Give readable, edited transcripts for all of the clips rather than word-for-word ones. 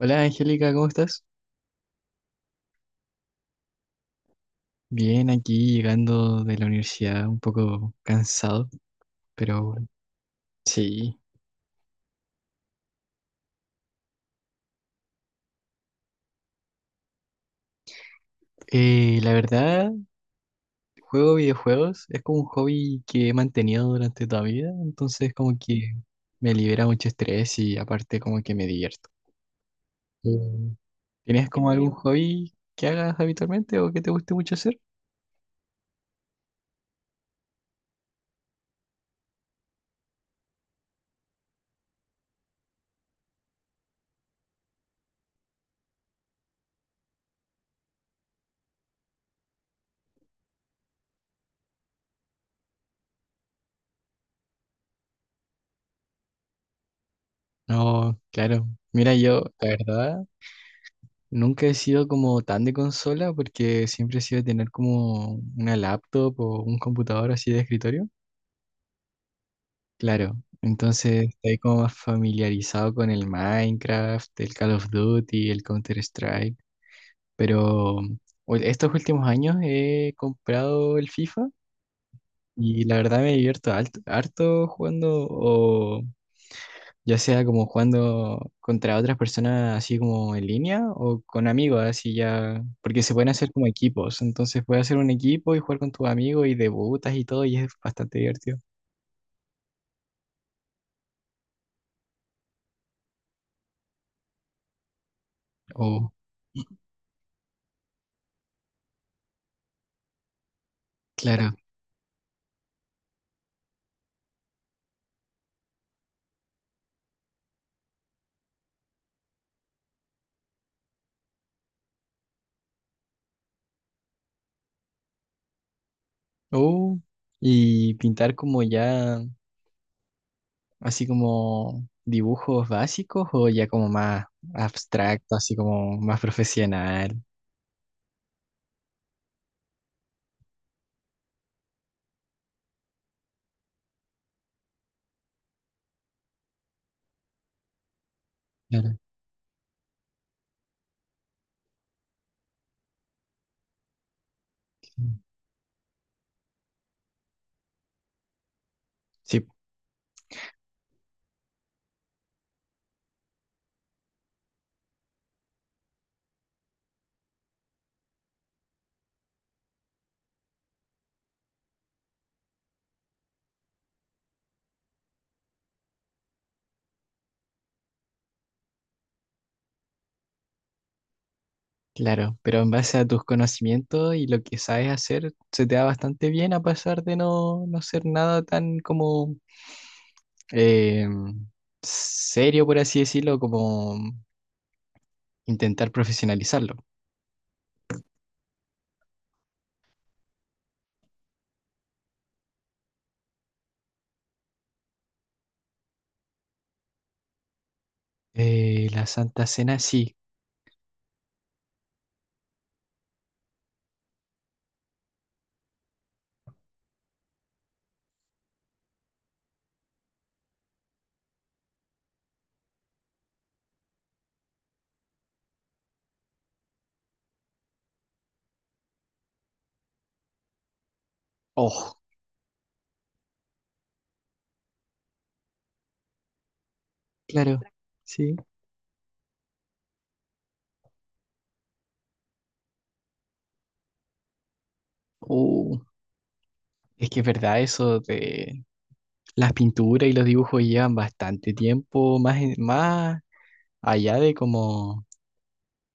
Hola Angélica, ¿cómo estás? Bien, aquí llegando de la universidad, un poco cansado, pero sí. La verdad, juego videojuegos, es como un hobby que he mantenido durante toda mi vida, entonces como que me libera mucho estrés y aparte como que me divierto. Mm. ¿Tienes como algún hobby que hagas habitualmente o que te guste mucho hacer? No, claro. Mira, yo, la verdad, nunca he sido como tan de consola porque siempre he sido de tener como una laptop o un computador así de escritorio. Claro, entonces estoy como más familiarizado con el Minecraft, el Call of Duty, el Counter-Strike, pero estos últimos años he comprado el FIFA y la verdad me divierto harto jugando, ya sea como jugando contra otras personas así como en línea o con amigos, así ya, porque se pueden hacer como equipos, entonces puedes hacer un equipo y jugar con tus amigos y debutas y todo y es bastante divertido. Oh, claro. Oh, y pintar como ya, así como dibujos básicos o ya como más abstracto, así como más profesional. Claro. Claro. Sí. Claro, pero en base a tus conocimientos y lo que sabes hacer, se te da bastante bien a pesar de no, no ser nada tan como eh, serio, por así decirlo, como intentar profesionalizarlo. La Santa Cena, sí. Oh, claro, sí. Uh, es que es verdad eso de las pinturas y los dibujos llevan bastante tiempo, más, más allá de como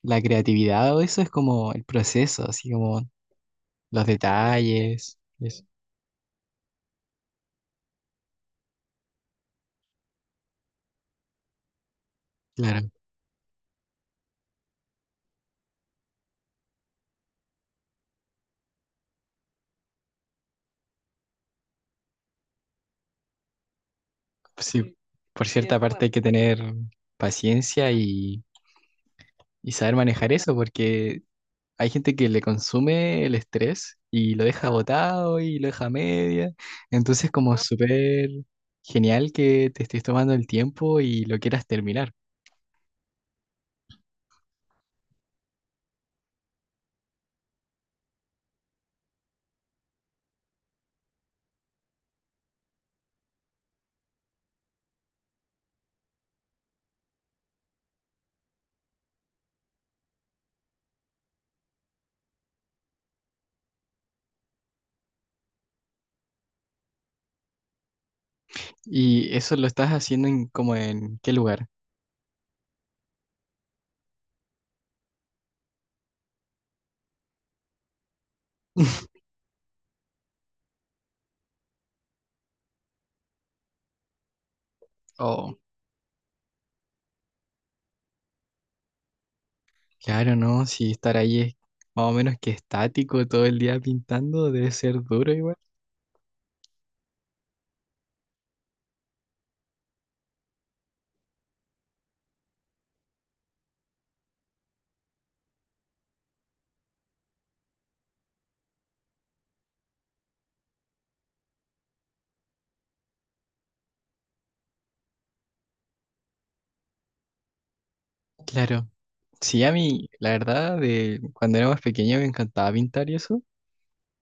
la creatividad o eso es como el proceso, así como los detalles. Eso. Claro, sí, por Estoy de cierta parte hay acuerdo. Que tener paciencia y saber manejar eso, porque hay gente que le consume el estrés y lo deja botado y lo deja a media. Entonces, como Ajá. súper genial que te estés tomando el tiempo y lo quieras terminar. ¿Y eso lo estás haciendo en, como en qué lugar? Oh, claro, no, si estar ahí es más o menos que estático todo el día pintando, debe ser duro igual. Claro. Sí, a mí, la verdad, de cuando era más pequeño me encantaba pintar y eso,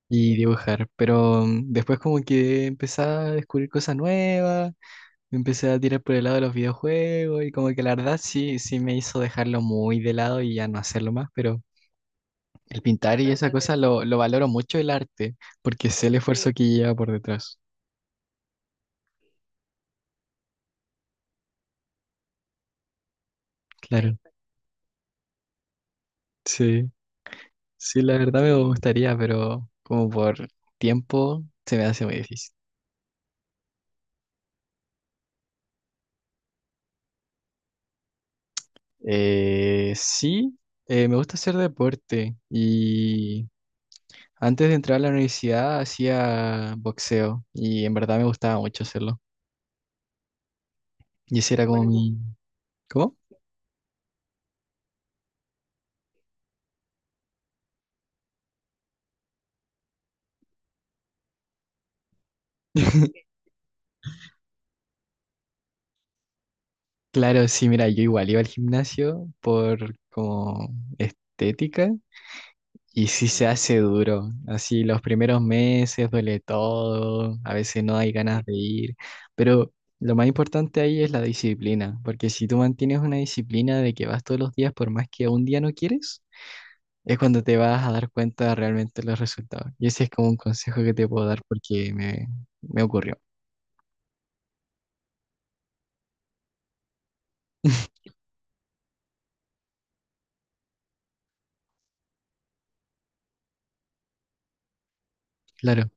y dibujar, pero después como que empecé a descubrir cosas nuevas, me empecé a tirar por el lado de los videojuegos y como que la verdad sí, sí me hizo dejarlo muy de lado y ya no hacerlo más, pero el pintar y esa cosa entender. Lo valoro mucho el arte, porque sé el esfuerzo Sí, que lleva por detrás. Claro, exacto. Sí, sí, la verdad me Sí. gustaría, pero como por tiempo se me hace muy difícil. Sí, me gusta hacer deporte y antes de entrar a la universidad hacía boxeo y en verdad me gustaba mucho hacerlo. Y ese era como Bueno, mi... ¿Cómo? Claro, sí, mira, yo igual iba al gimnasio por como estética. Y sí se hace duro, así los primeros meses duele todo, a veces no hay ganas de ir, pero lo más importante ahí es la disciplina, porque si tú mantienes una disciplina de que vas todos los días por más que un día no quieres, es cuando te vas a dar cuenta de realmente los resultados. Y ese es como un consejo que te puedo dar porque me ocurrió. Claro,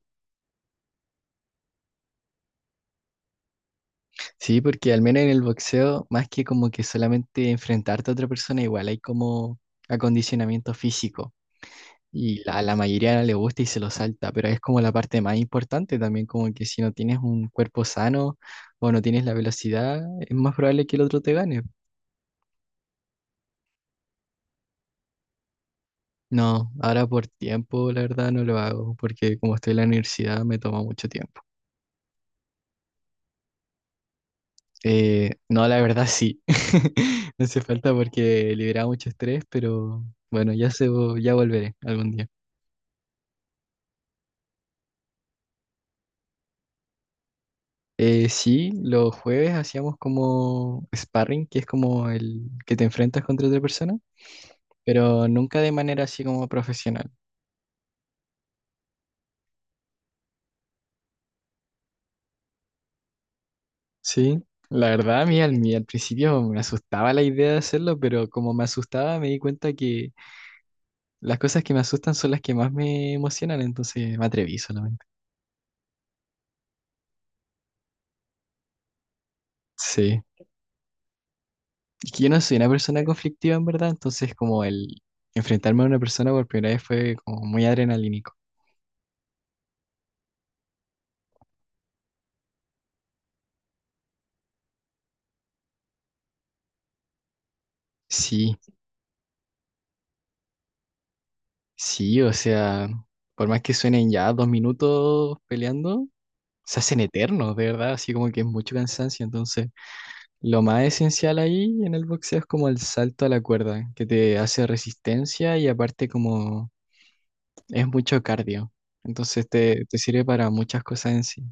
sí, porque al menos en el boxeo, más que como que solamente enfrentarte a otra persona, igual hay como acondicionamiento físico. Y a la mayoría no le gusta y se lo salta, pero es como la parte más importante también, como que si no tienes un cuerpo sano o no tienes la velocidad, es más probable que el otro te gane. No, ahora por tiempo, la verdad no lo hago, porque como estoy en la universidad me toma mucho tiempo. No, la verdad sí. No hace falta porque libera mucho estrés, pero bueno, ya volveré algún día. Sí, los jueves hacíamos como sparring, que es como el que te enfrentas contra otra persona. Pero nunca de manera así como profesional. ¿Sí? La verdad, mí al principio me asustaba la idea de hacerlo, pero como me asustaba me di cuenta que las cosas que me asustan son las que más me emocionan, entonces me atreví solamente. Sí. Es que yo no soy una persona conflictiva en verdad, entonces como el enfrentarme a una persona por primera vez fue como muy adrenalínico. Sí, sí, o sea, por más que suenen ya 2 minutos peleando, se hacen eternos, de verdad, así como que es mucho cansancio, entonces... Lo más esencial ahí en el boxeo es como el salto a la cuerda, que te hace resistencia y aparte como es mucho cardio. Entonces te sirve para muchas cosas en sí.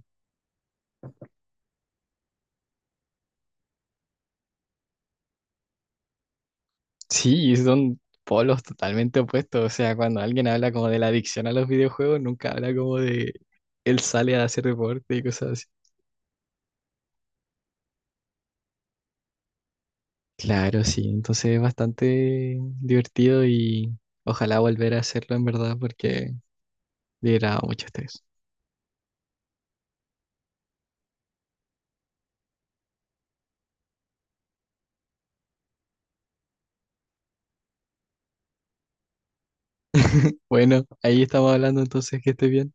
Sí, y son polos totalmente opuestos. O sea, cuando alguien habla como de la adicción a los videojuegos, nunca habla como de él sale a hacer deporte y cosas así. Claro, sí. Entonces es bastante divertido y ojalá volver a hacerlo en verdad porque le da mucho estrés. Bueno, ahí estamos hablando entonces que esté bien.